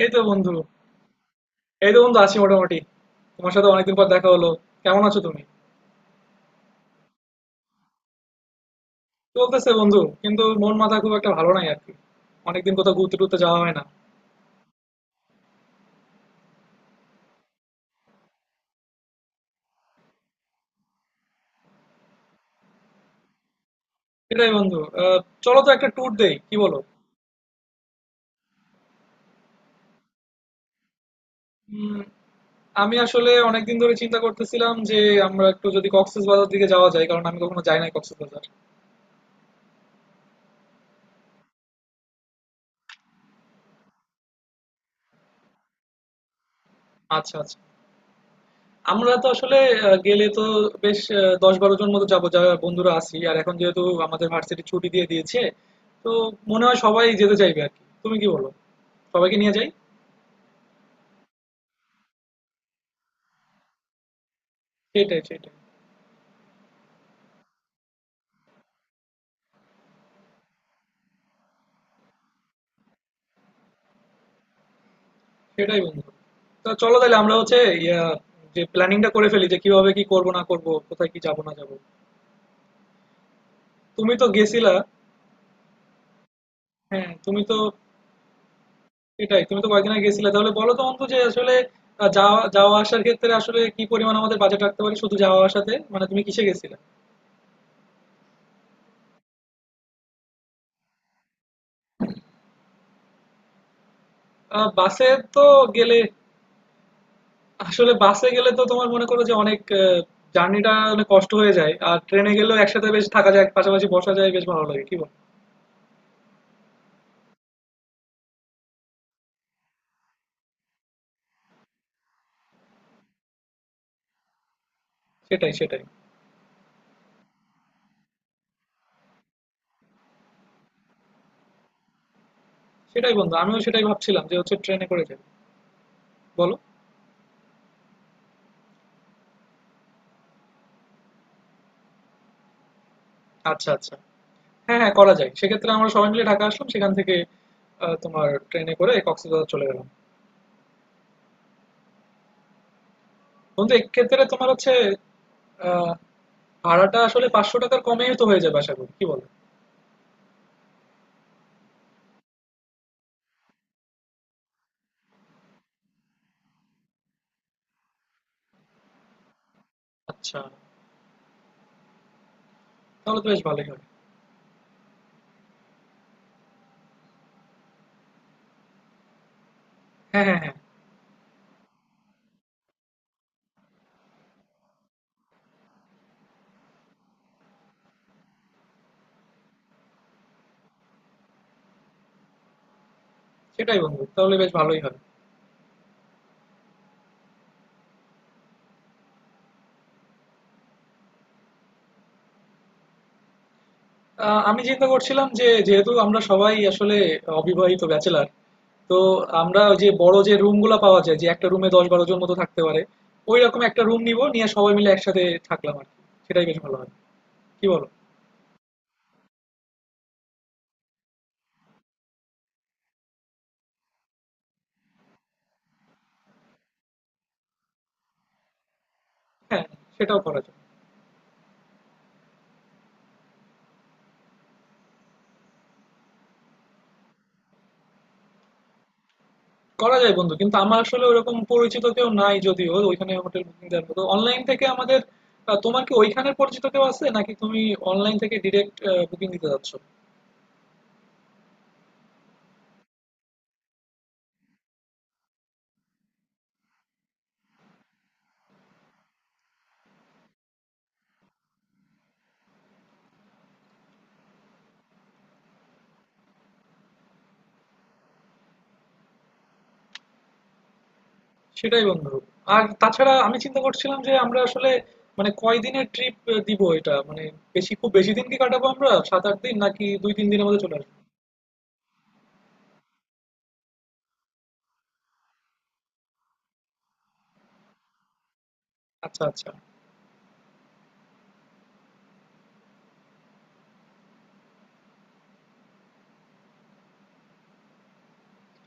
এই তো বন্ধু এই তো বন্ধু আছি মোটামুটি। তোমার সাথে অনেকদিন পর দেখা হলো, কেমন আছো তুমি? চলতেছে বন্ধু, কিন্তু মন মাথা খুব একটা ভালো নাই আর কি। অনেকদিন কোথাও ঘুরতে টুরতে যাওয়া হয় না। সেটাই বন্ধু। চলো তো একটা ট্যুর দেই, কি বলো? উম, আমি আসলে অনেকদিন ধরে চিন্তা করতেছিলাম যে আমরা একটু যদি কক্সবাজার দিকে যাওয়া যায়, কারণ আমি কখনো যাই নাই কক্সবাজার। আচ্ছা আচ্ছা। আমরা তো আসলে গেলে তো বেশ দশ বারো জন মতো যাবো, যারা বন্ধুরা আছি। আর এখন যেহেতু আমাদের ভার্সিটি ছুটি দিয়ে দিয়েছে, তো মনে হয় সবাই যেতে চাইবে আর কি। তুমি কি বলো? সবাইকে নিয়ে যাই। সেটাই সেটাই। সেটাই বন্ধু। তা চলো তাহলে আমরা হচ্ছে ইয়া যে প্ল্যানিংটা করে ফেলি, যে কিভাবে কি করব না করব, কোথায় কি যাব না যাব। তুমি তো গেছিলা। হ্যাঁ তুমি তো, এটাই, তুমি তো কয়েকদিন আগে গেছিলা। তাহলে বলো তো অন্তু, যে আসলে যাওয়া যাওয়া আসার ক্ষেত্রে আসলে কি পরিমাণ আমাদের বাজেট রাখতে পারি শুধু যাওয়া আসাতে, মানে তুমি কিসে গেছিলা? বাসে। তো গেলে আসলে বাসে গেলে তো, তোমার মনে করো যে জার্নিটা অনেক কষ্ট হয়ে যায়। আর ট্রেনে গেলেও একসাথে বেশ থাকা যায়, পাশাপাশি বসা যায়, বেশ ভালো লাগে, কি বল? সেটাই সেটাই। সেটাই বন্ধু, আমিও সেটাই ভাবছিলাম যে হচ্ছে ট্রেনে করে যাবো। বলো। আচ্ছা আচ্ছা, হ্যাঁ হ্যাঁ, করা যায়। সেক্ষেত্রে আমরা সবাই মিলে ঢাকা আসলাম, সেখান থেকে তোমার ট্রেনে করে কক্সবাজার চলে গেলাম। বন্ধু এক্ষেত্রে তোমার হচ্ছে আহ, ভাড়াটা আসলে ৫০০ টাকার কমেই তো হয়ে যাবে আশা করি, কি বলো? আচ্ছা। তাহলে তো বেশ ভালোই হবে। হ্যাঁ হ্যাঁ হ্যাঁ। সেটাই বন্ধু, তাহলে বেশ ভালোই হবে। আমি চিন্তা করছিলাম যে, যেহেতু আমরা সবাই আসলে অবিবাহিত ব্যাচেলার, তো আমরা ওই যে বড় যে রুমগুলো পাওয়া যায়, যে একটা রুমে ১০-১২ জন মতো থাকতে পারে, ওই রকম একটা রুম নিব নিয়ে সবাই মিলে একসাথে থাকলাম আর কি। সেটাই বেশ ভালো হয়, কি বলো? হ্যাঁ সেটাও করা যায় বন্ধু, কিন্তু আমার আসলে ওরকম পরিচিত কেউ নাই যদিও ওইখানে হোটেল বুকিং দেওয়ার মতো অনলাইন থেকে আমাদের। তোমার কি ওইখানের পরিচিত কেউ আছে? নাকি তুমি অনলাইন থেকে ডিরেক্ট বুকিং দিতে যাচ্ছ? সেটাই বন্ধু। আর তাছাড়া আমি চিন্তা করছিলাম যে আমরা আসলে মানে কয়দিনের ট্রিপ দিব এটা, মানে বেশি, খুব বেশি দিন কি কাটাবো আমরা? সাত আট দিন নাকি দুই তিন দিনের মধ্যে চলে আসবো? আচ্ছা, আচ্ছা।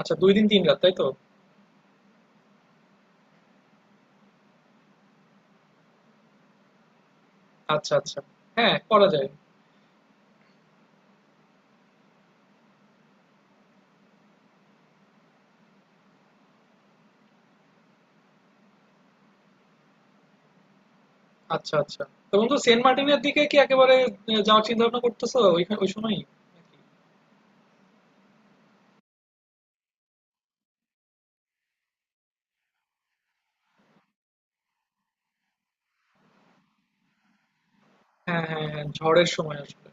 আচ্ছা ২ দিন ৩ রাত, তাই তো? আচ্ছা, আচ্ছা। হ্যাঁ, করা যায়। আচ্ছা, আচ্ছা। তো বন্ধু সেন্ট মার্টিনের দিকে কি একেবারে যাওয়ার চিন্তাভাবনা করতেছো ওইখানে ওই সময়ই? নাকি? হ্যাঁ, হ্যাঁ, হ্যাঁ, ঝড়ের সময় আসলে।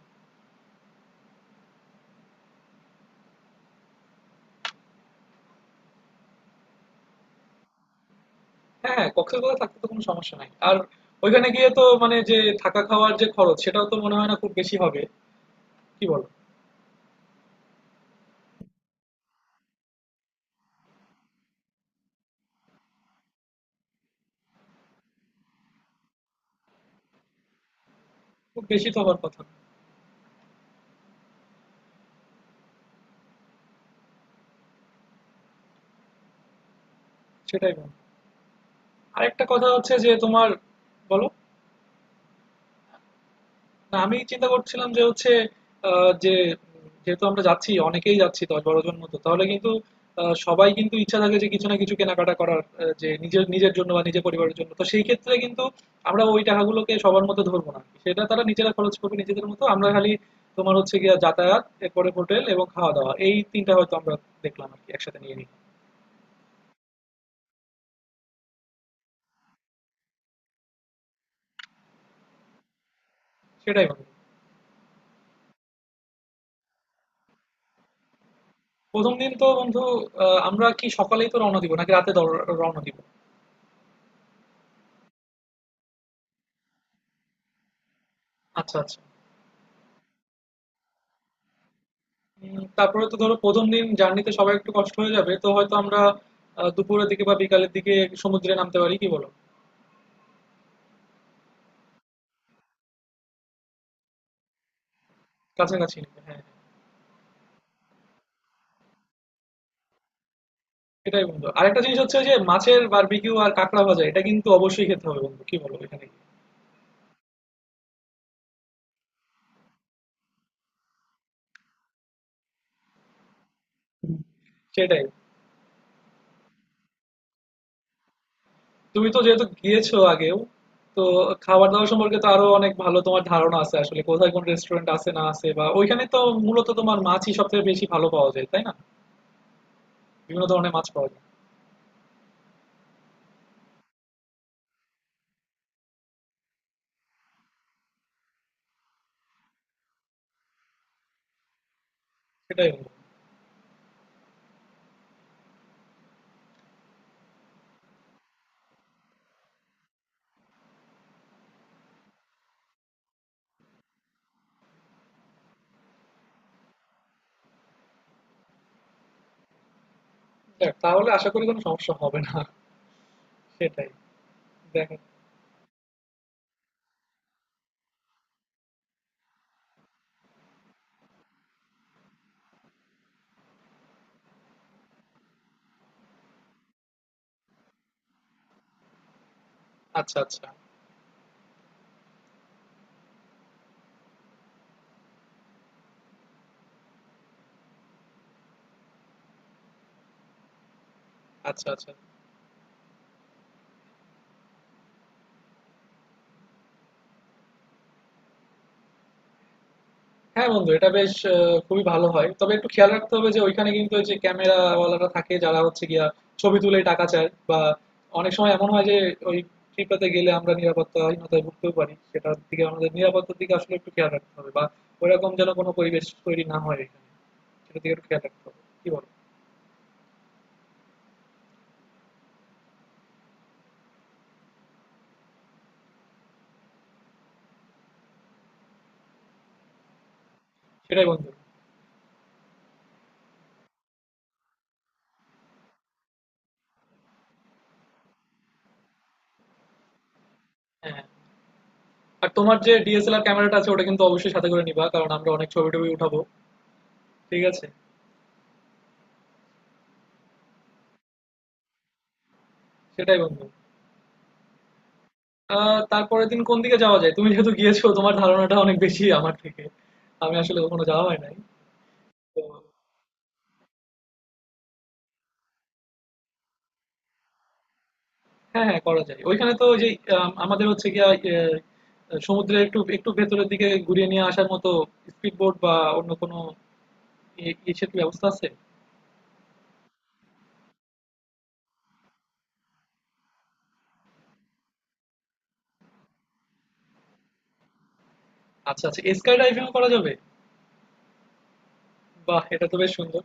হ্যাঁ, হ্যাঁ, কক্সবাজারে থাকতে তো কোনো সমস্যা নাই। আর ওইখানে গিয়ে তো মানে যে থাকা খাওয়ার যে খরচ সেটাও তো মনে হয় না খুব বেশি হবে। কি বলো? খুব বেশি তো হওয়ার কথা না। সেটাই বন্ধু। আরেকটা কথা হচ্ছে যে তোমার, বলো? না আমি চিন্তা করছিলাম যে হচ্ছে আহ, যে যেহেতু আমরা যাচ্ছি, অনেকেই যাচ্ছি ১০-১২ জন মতো, তাহলে কিন্তু সবাই কিন্তু ইচ্ছা থাকে যে কিছু না কিছু কেনাকাটা করার যে নিজের নিজের জন্য বা নিজের পরিবারের জন্য। তো সেই ক্ষেত্রে কিন্তু আমরা ওই টাকাগুলোকে সবার মতো ধরবো না, সেটা তারা নিজেরা খরচ করবে নিজেদের মতো। আমরা খালি তোমার হচ্ছে গিয়ে যাতায়াত, এরপরে হোটেল এবং খাওয়া দাওয়া, এই তিনটা হয়তো আমরা দেখলাম আর কি, একসাথে নিয়ে নিই। সেটাই বন্ধু। প্রথম দিন তো বন্ধু, আমরা কি সকালেই তো রওনা দিব নাকি রাতে রওনা দিব? আচ্ছা আচ্ছা। তারপরে তো ধরো ১ম দিন জার্নিতে সবার একটু কষ্ট হয়ে যাবে, তো হয়তো আমরা দুপুরের দিকে বা বিকালের দিকে সমুদ্রে নামতে পারি, কি বলো? কাছাকাছি। হ্যাঁ। এটাই বন্ধু, আরেকটা জিনিস হচ্ছে যে মাছের বারবিকিউ আর কাঁকড়া ভাজা, এটা কিন্তু অবশ্যই খেতে হবে বন্ধু, কি বলো এখানে? সেটাই। তুমি তো যেহেতু গিয়েছো আগেও, তো খাবার দাবার সম্পর্কে তো আরো অনেক ভালো তোমার ধারণা আছে আসলে কোথায় কোন রেস্টুরেন্ট আছে না আছে, বা ওইখানে তো মূলত তোমার মাছই সব থেকে বেশি ভালো পাওয়া যায়, তাই না? বিভিন্ন ধরনের মাছ পাওয়া যায়। সেটাই বন্ধু। যাক, তাহলে আশা করি কোনো সমস্যা হবে না। সেটাই দেখা। আচ্ছা, আচ্ছা। আচ্ছা, আচ্ছা। হ্যাঁ বন্ধু, এটা বেশ খুবই ভালো হয়। তবে একটু খেয়াল রাখতে হবে যে ঐখানে কিন্তু ওই যে ক্যামেরাওয়ালারা থাকে, যারা হচ্ছে গিয়া ছবি তুলে টাকা চায়, বা অনেক সময় এমন হয় যে ওই ট্রিপটাতে গেলে আমরা নিরাপত্তাহীনতায় ভুগতেও পারি। সেটার দিকে আমাদের, নিরাপত্তার দিকে আসলে একটু খেয়াল রাখতে হবে, বা ওইরকম যেন কোনো পরিবেশ তৈরি না হয় এখানে। সেটার দিকে একটু খেয়াল রাখতে হবে। কি বলো? সেটাই বন্ধু। হ্যাঁ, হ্যাঁ। আর তোমার যে DSLR ক্যামেরাটা আছে, ওটা কিন্তু অবশ্যই সাথে করে নিবা। কারণ আমরা অনেক ছবি-টবি উঠাবো। ঠিক আছে? সেটাই বন্ধু। তারপরের দিন কোন দিকে যাওয়া যায়? তুমি যেহেতু গিয়েছো, তোমার ধারণাটা অনেক বেশি আমার থেকে। আমি আসলে কখনো যাওয়া হয় নাই। তো হ্যাঁ, হ্যাঁ করা যায়। ওইখানে তো ওই যে আমাদের হচ্ছে গিয়া সমুদ্রের একটু একটু ভেতরের দিকে ঘুরিয়ে নিয়ে আসার মতো স্পিডবোট বা অন্য কোনো ইসের কি ব্যবস্থা আছে? আচ্ছা, আচ্ছা, স্কাই ডাইভিং ও করা যাবে? বাহ! এটা তো বেশ সুন্দর।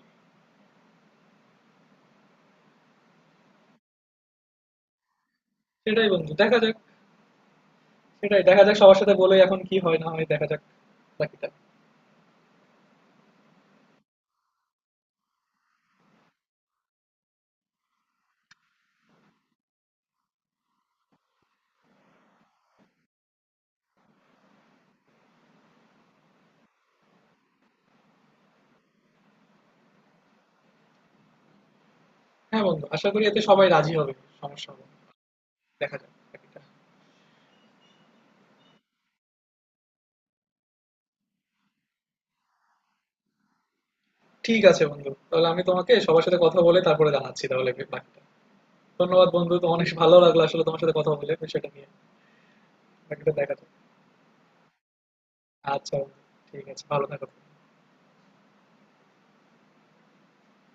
সেটাই বন্ধু, দেখা যাক। সেটাই দেখা যাক, সবার সাথে বলে এখন কি হয় না হয় দেখা যাক বাকিটা। হ্যাঁ বন্ধু, আশা করি এতে সবাই রাজি হবে। সমস্যা হবে না। দেখা যাক বাকিটা। ঠিক আছে বন্ধু। তাহলে আমি তোমাকে সবার সাথে কথা বলে তারপরে জানাচ্ছি তাহলে বাকিটা। ধন্যবাদ বন্ধু, তো অনেক ভালো লাগলো আসলে তোমার সাথে কথা বলে বিষয়টা নিয়ে। বাকিটা দেখা যাবে। আচ্ছা বন্ধু, ঠিক আছে। ভালো থাকো।